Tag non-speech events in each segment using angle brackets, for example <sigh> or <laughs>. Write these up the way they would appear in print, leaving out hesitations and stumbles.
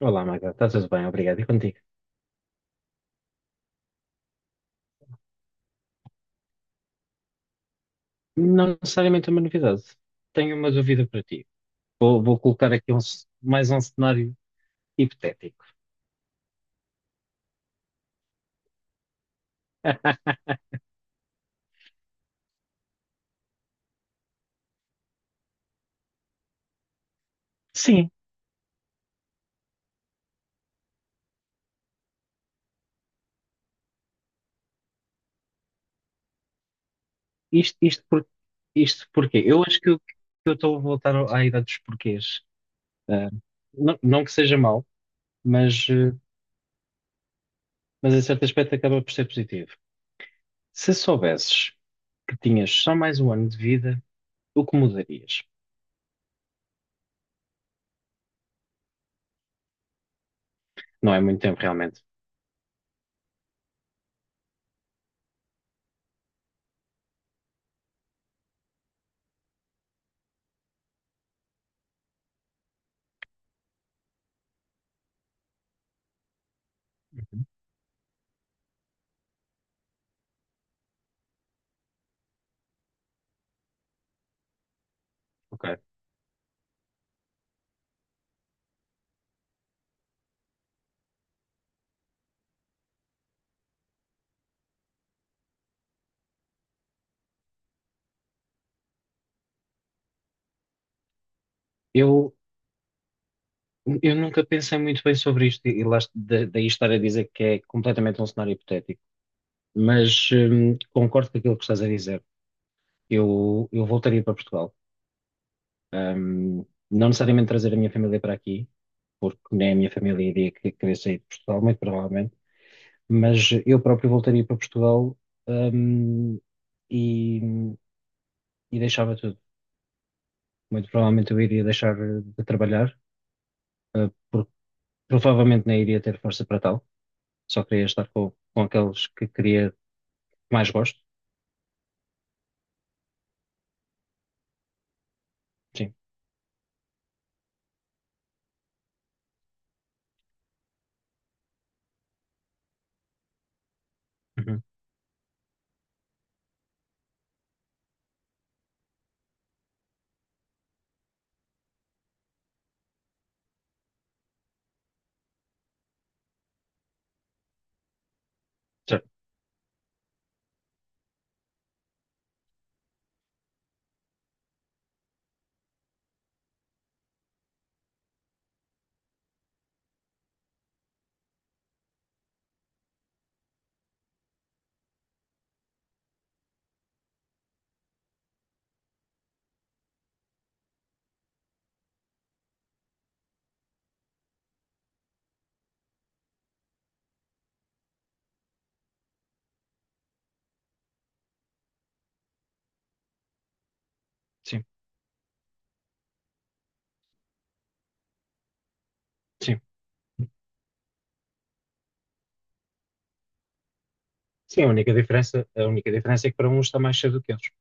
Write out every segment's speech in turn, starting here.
Olá, Magda, está tudo bem? Obrigado. E contigo? Não necessariamente uma novidade. Tenho uma dúvida para ti. Vou colocar aqui mais um cenário hipotético. <laughs> Sim, isto, isto, por, isto porquê? Eu acho que eu estou a voltar à idade dos porquês. Ah, não, não que seja mau, mas, mas em certo aspecto acaba por ser positivo. Se soubesses que tinhas só mais um ano de vida, o que mudarias? Não é muito tempo, realmente. Uhum. Ok. Eu, eu nunca pensei muito bem sobre isto e lá, daí estar a dizer que é completamente um cenário hipotético. Mas concordo com aquilo que estás a dizer. Eu voltaria para Portugal. Um, não necessariamente trazer a minha família para aqui, porque nem a minha família iria querer sair de Portugal, muito provavelmente, mas eu próprio voltaria para Portugal, um, e, e deixava tudo. Muito provavelmente eu iria deixar de trabalhar, porque provavelmente nem iria ter força para tal, só queria estar com aqueles que queria que mais gosto. Sim. Uhum. Certo. Sim. Sim. Sim, a única diferença é que para uns está mais cedo do que outros.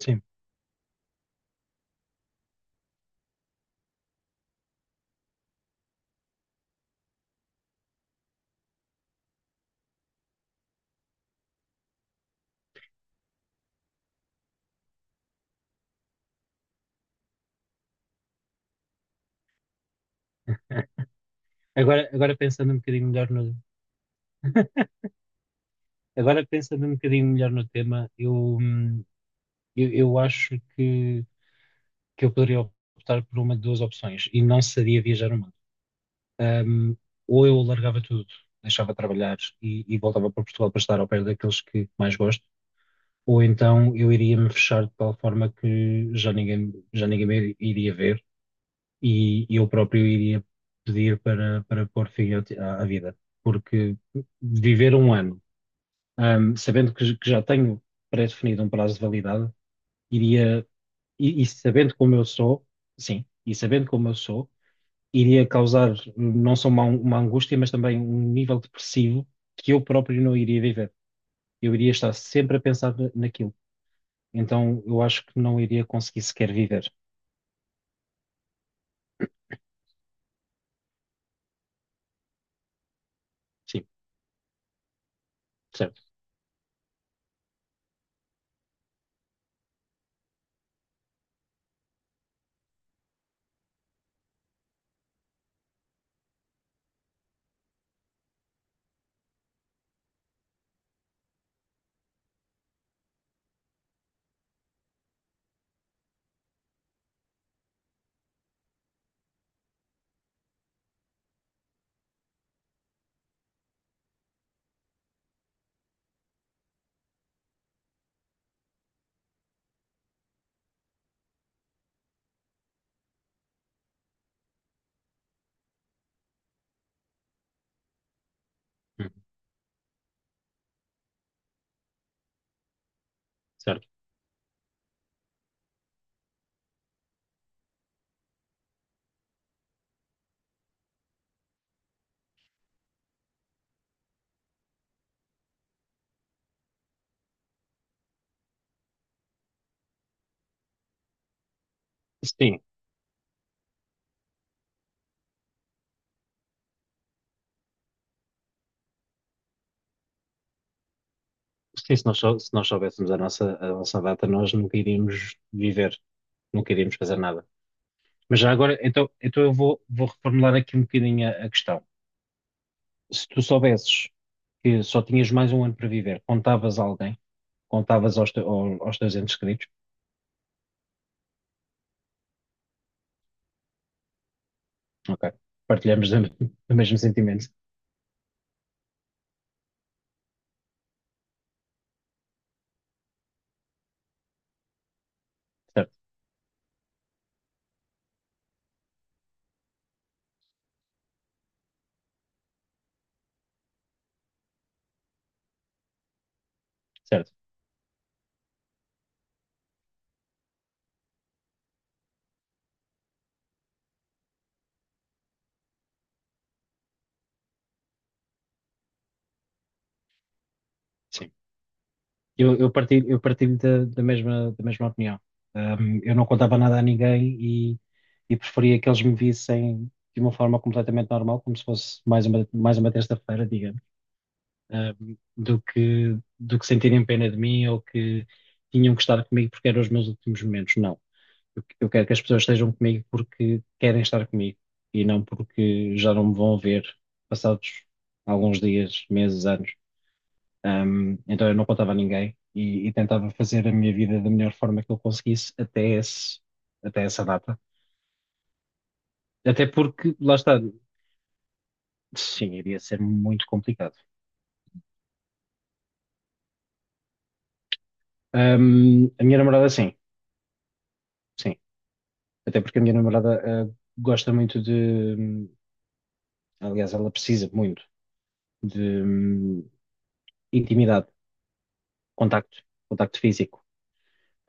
Sim. Agora, agora pensando um bocadinho melhor no, Agora, pensando um bocadinho melhor no tema, eu, hum, eu acho que eu poderia optar por uma de duas opções e não seria viajar o mundo. Hum, ou eu largava tudo, deixava de trabalhar e voltava para Portugal para estar ao pé daqueles que mais gosto, ou então eu iria me fechar de tal forma que já ninguém me iria ver e eu próprio iria pedir para pôr fim à vida. Porque viver um ano, ahm, sabendo que já tenho pré-definido um prazo de validade, iria, e sabendo como eu sou, sim, e sabendo como eu sou, iria causar não só uma angústia, mas também um nível depressivo que eu próprio não iria viver. Eu iria estar sempre a pensar naquilo. Então, eu acho que não iria conseguir sequer viver. Sim, certo. Uhum, certo. Sim, sim, se nós soubéssemos a nossa data, nós nunca iríamos viver, nunca iríamos fazer nada. Mas já agora, então, então eu vou reformular aqui um bocadinho a questão. Se tu soubesses que só tinhas mais um ano para viver, contavas a alguém, contavas aos teus entes queridos, ok, partilhamos da- <laughs> o mesmo sentimento, certo, certo, sim. Eu partilho da mesma opinião. Eu não contava nada a ninguém e, e preferia que eles me vissem de uma forma completamente normal, como se fosse mais uma terça-feira, do que sentirem pena de mim ou que tinham que estar comigo porque eram os meus últimos momentos. Não. Eu quero que as pessoas estejam comigo porque querem estar comigo e não porque já não me vão ver passados alguns dias, meses, anos. Então eu não contava a ninguém e tentava fazer a minha vida da melhor forma que eu conseguisse até essa data. Até porque, lá está, sim, iria ser muito complicado. A minha namorada, sim, sim. Até porque a minha namorada, ah, gosta muito de, aliás, ela precisa muito de, intimidade, contacto, contacto físico.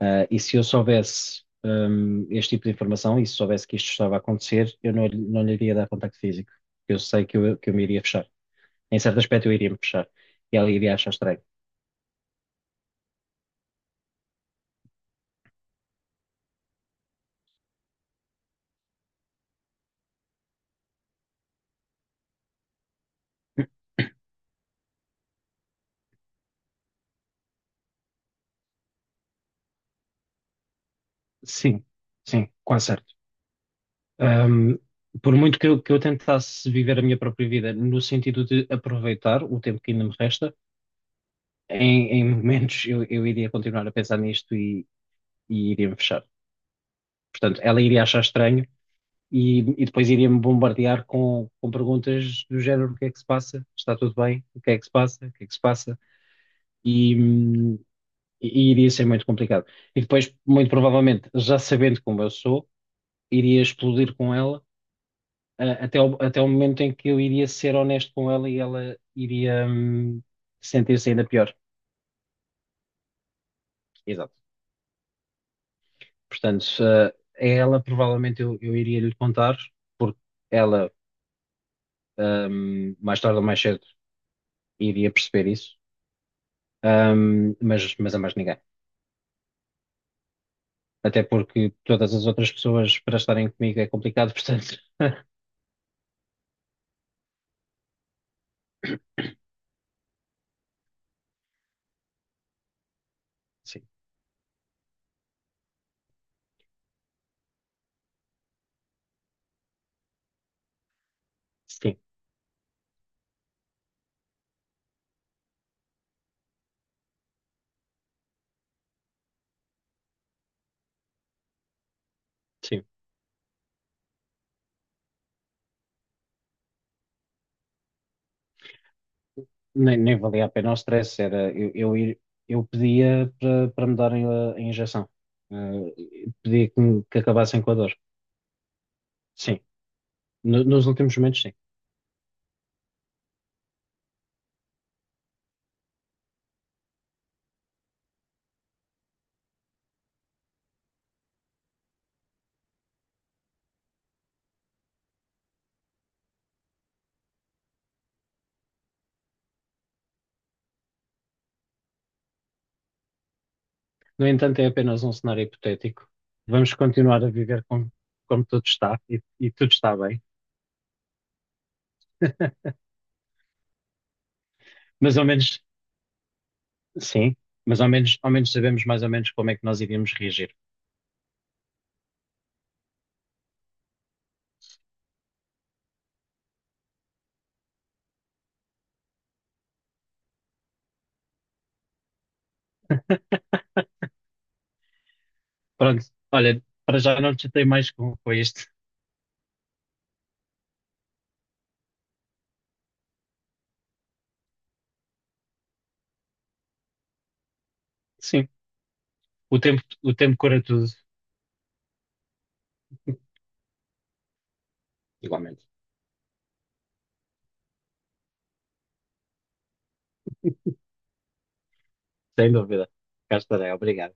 Ah, e se eu soubesse, este tipo de informação e se soubesse que isto estava a acontecer, eu não, lhe- não lhe iria dar contacto físico. Eu sei que eu me iria fechar. Em certo aspecto, eu iria me fechar. E ela iria achar estranho. Sim, sim, quase certo. Hum, por muito que eu tentasse viver a minha própria vida no sentido de aproveitar o tempo que ainda me resta em momentos eu iria continuar a pensar nisto e iria-me fechar. Portanto, ela iria achar estranho e depois iria-me bombardear com perguntas do género: o que é que se passa? Está tudo bem? O que é que se passa? O que é que se passa? E, hum, e iria ser muito complicado. E depois, muito provavelmente, já sabendo como eu sou, iria explodir com ela. Até o momento em que eu iria ser honesto com ela e ela iria, sentir-se ainda pior. Exato. Portanto, se, eh, a ela provavelmente eu iria lhe contar, porque ela, mais tarde ou mais cedo, iria perceber isso, ahm, mas a mais ninguém. Até porque todas as outras pessoas para estarem comigo é complicado, <laughs> portanto, sim, sim, sim. Nem, nem valia a pena o stress, era eu pedia para me darem a injeção, ah, pedia que acabassem com a dor. Sim, nos últimos momentos, sim. No entanto, é apenas um cenário hipotético. Vamos continuar a viver como tudo está e tudo está bem. Mas ao menos, sim, mas ao menos sabemos mais ou menos como é que nós iríamos reagir. Pronto, olha, para já não te chatei mais com este. Sim, o tempo cura tudo. Igualmente. Sem dúvida. Cá estarei, obrigado.